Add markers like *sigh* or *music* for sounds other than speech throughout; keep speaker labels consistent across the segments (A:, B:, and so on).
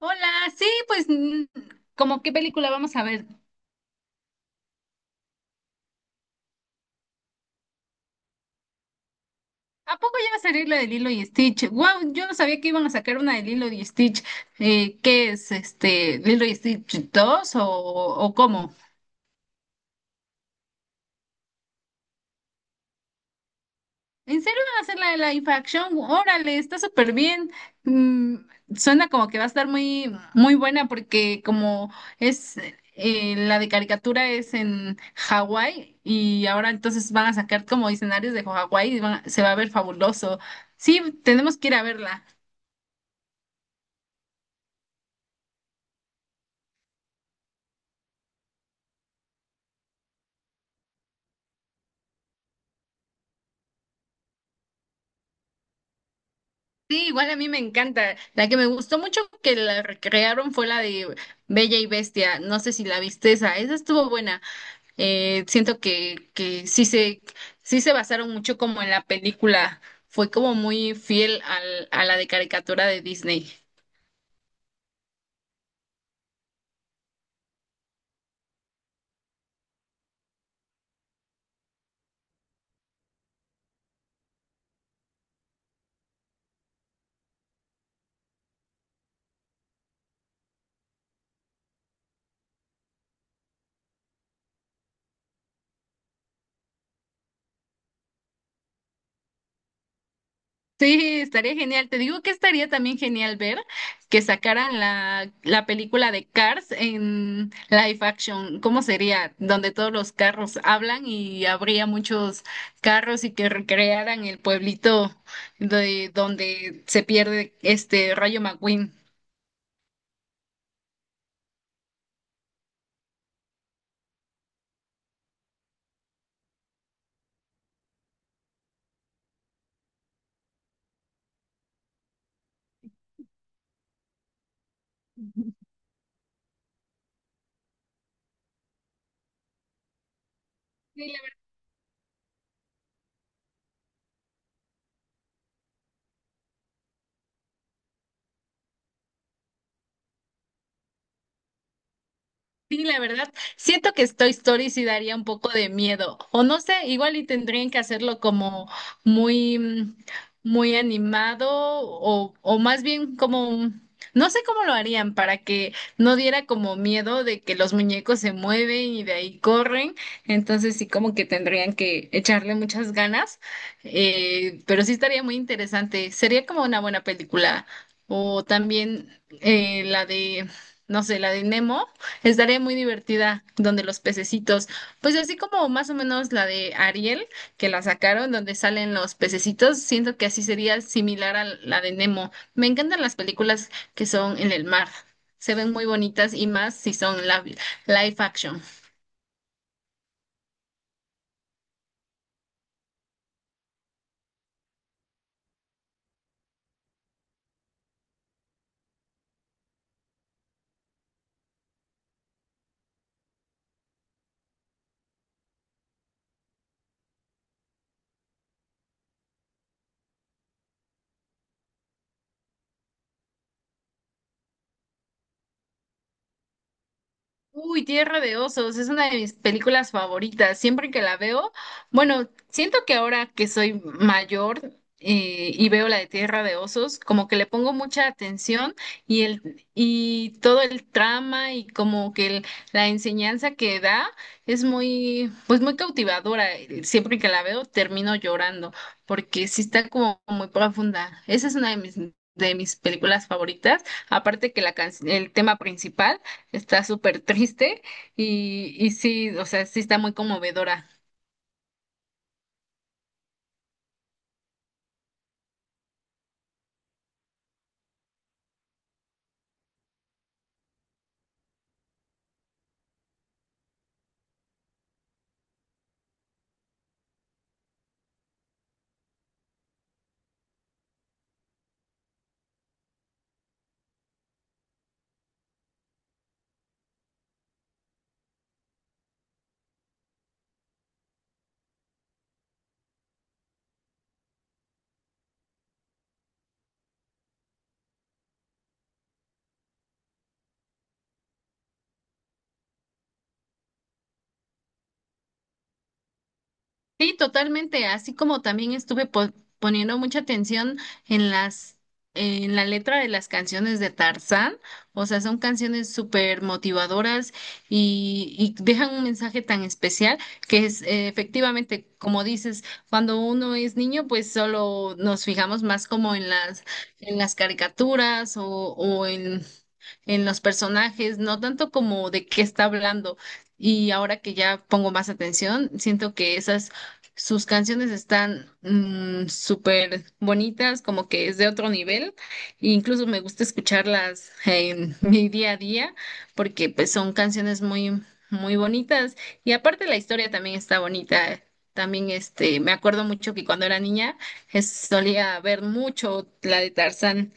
A: Hola, sí, pues, ¿cómo qué película vamos a ver? ¿A poco ya va a salir la de Lilo y Stitch? Wow, yo no sabía que iban a sacar una de Lilo y Stitch. ¿Qué es, este, Lilo y Stitch 2 o cómo? ¿En serio van a hacer la de la live action? Órale, está súper bien. Mm, Suena como que va a estar muy, muy buena porque como es la de caricatura es en Hawái y ahora entonces van a sacar como escenarios de Hawái y se va a ver fabuloso. Sí, tenemos que ir a verla. Sí, igual a mí me encanta. La que me gustó mucho que la recrearon fue la de Bella y Bestia. No sé si la viste esa. Esa estuvo buena. Siento que sí se basaron mucho como en la película. Fue como muy fiel al, a la de caricatura de Disney. Sí, estaría genial. Te digo que estaría también genial ver que sacaran la, la película de Cars en live action. ¿Cómo sería? Donde todos los carros hablan y habría muchos carros y que recrearan el pueblito de donde se pierde este Rayo McQueen. Sí, la verdad, siento que Toy Story sí daría un poco de miedo, o no sé, igual y tendrían que hacerlo como muy, muy animado, o más bien como, no sé cómo lo harían para que no diera como miedo de que los muñecos se mueven y de ahí corren, entonces sí como que tendrían que echarle muchas ganas, pero sí estaría muy interesante, sería como una buena película, o también la de, no sé, la de Nemo. Estaría muy divertida donde los pececitos, pues así como más o menos la de Ariel, que la sacaron, donde salen los pececitos, siento que así sería similar a la de Nemo. Me encantan las películas que son en el mar. Se ven muy bonitas y más si son live action. Uy, Tierra de Osos, es una de mis películas favoritas. Siempre que la veo, bueno, siento que ahora que soy mayor y veo la de Tierra de Osos, como que le pongo mucha atención y el y todo el trama y como que la enseñanza que da es muy, pues muy cautivadora. Siempre que la veo, termino llorando porque sí está como muy profunda. Esa es una de mis películas favoritas, aparte que el tema principal. Está súper triste y sí, o sea, sí está muy conmovedora. Sí, totalmente, así como también estuve poniendo mucha atención en las, en la letra de las canciones de Tarzán, o sea, son canciones súper motivadoras y dejan un mensaje tan especial que es efectivamente, como dices, cuando uno es niño, pues solo nos fijamos más como en las caricaturas o, en los personajes, no tanto como de qué está hablando. Y ahora que ya pongo más atención, siento que esas, sus canciones están súper bonitas, como que es de otro nivel. E incluso me gusta escucharlas en *laughs* mi día a día, porque pues son canciones muy, muy bonitas. Y aparte la historia también está bonita. También este, me acuerdo mucho que cuando era niña solía ver mucho la de Tarzán.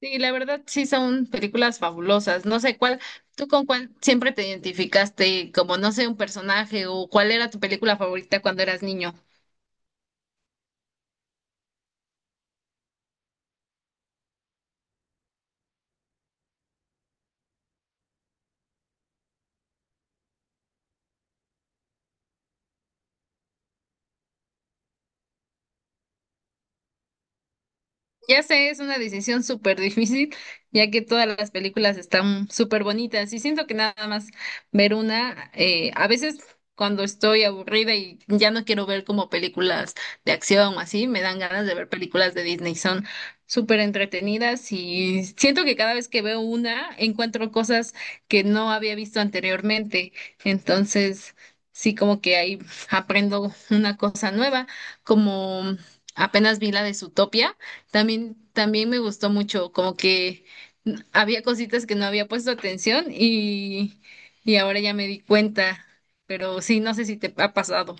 A: Sí, la verdad sí son películas fabulosas. No sé cuál, tú con cuál siempre te identificaste, como no sé, un personaje o cuál era tu película favorita cuando eras niño. Ya sé, es una decisión súper difícil, ya que todas las películas están súper bonitas y siento que nada más ver una, a veces cuando estoy aburrida y ya no quiero ver como películas de acción o así, me dan ganas de ver películas de Disney, son súper entretenidas y siento que cada vez que veo una encuentro cosas que no había visto anteriormente, entonces sí como que ahí aprendo una cosa nueva, como apenas vi la de Zootopia. También, también me gustó mucho, como que había cositas que no había puesto atención y ahora ya me di cuenta, pero sí, no sé si te ha pasado.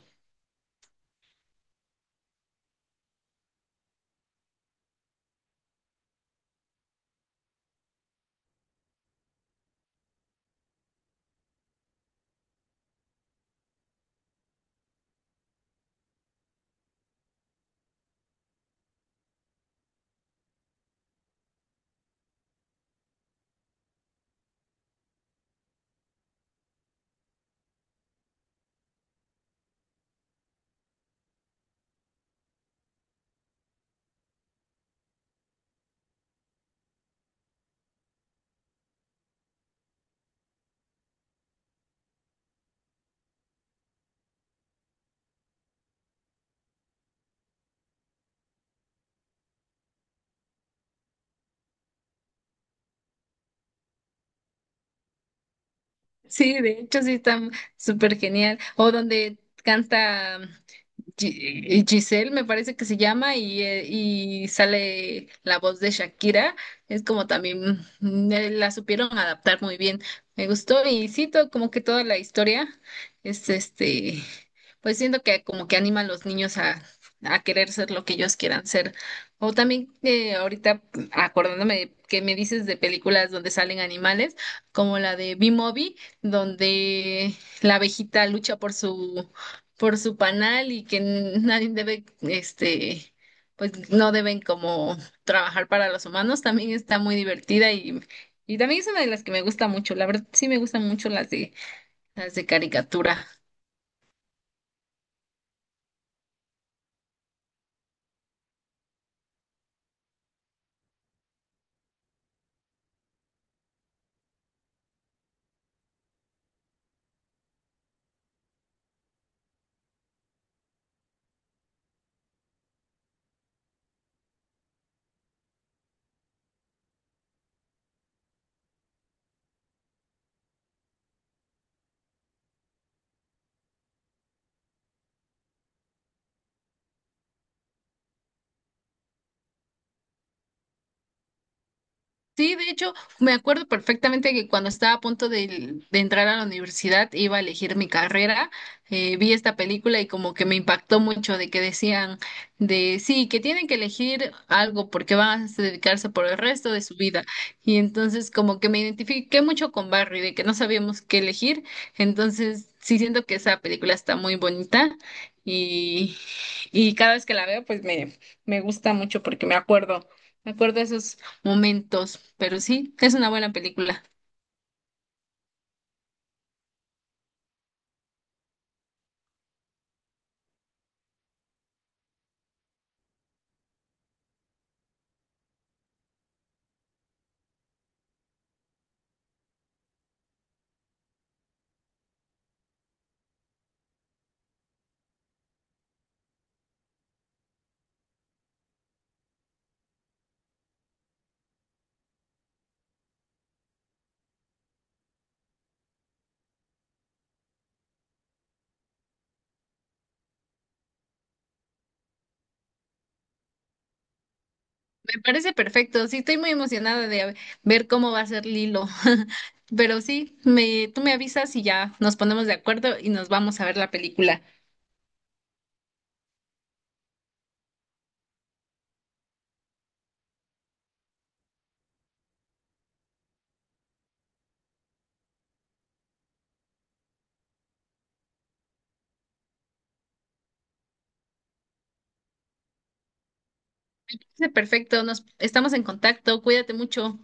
A: Sí, de hecho sí está súper genial. O donde canta Giselle, me parece que se llama, y sale la voz de Shakira. Es como también la supieron adaptar muy bien. Me gustó y sí, como que toda la historia es este, pues siento que como que anima a los niños a querer ser lo que ellos quieran ser. O también ahorita que me dices de películas donde salen animales, como la de B-Movie, donde la abejita lucha por su panal y que nadie debe, este, pues no deben como trabajar para los humanos, también está muy divertida y también es una de las que me gusta mucho. La verdad, sí me gustan mucho las de caricatura. Sí, de hecho, me acuerdo perfectamente que cuando estaba a punto de entrar a la universidad, iba a elegir mi carrera, vi esta película y como que me impactó mucho de que decían de sí, que tienen que elegir algo porque van a dedicarse por el resto de su vida. Y entonces como que me identifiqué mucho con Barry, de que no sabíamos qué elegir. Entonces sí siento que esa película está muy bonita y, y cada vez que la veo pues me gusta mucho porque me acuerdo. Me acuerdo de esos momentos, pero sí, es una buena película. Me parece perfecto, sí, estoy muy emocionada de ver cómo va a ser Lilo, *laughs* pero sí, me, tú me avisas y ya nos ponemos de acuerdo y nos vamos a ver la película. Parece perfecto, nos estamos en contacto, cuídate mucho.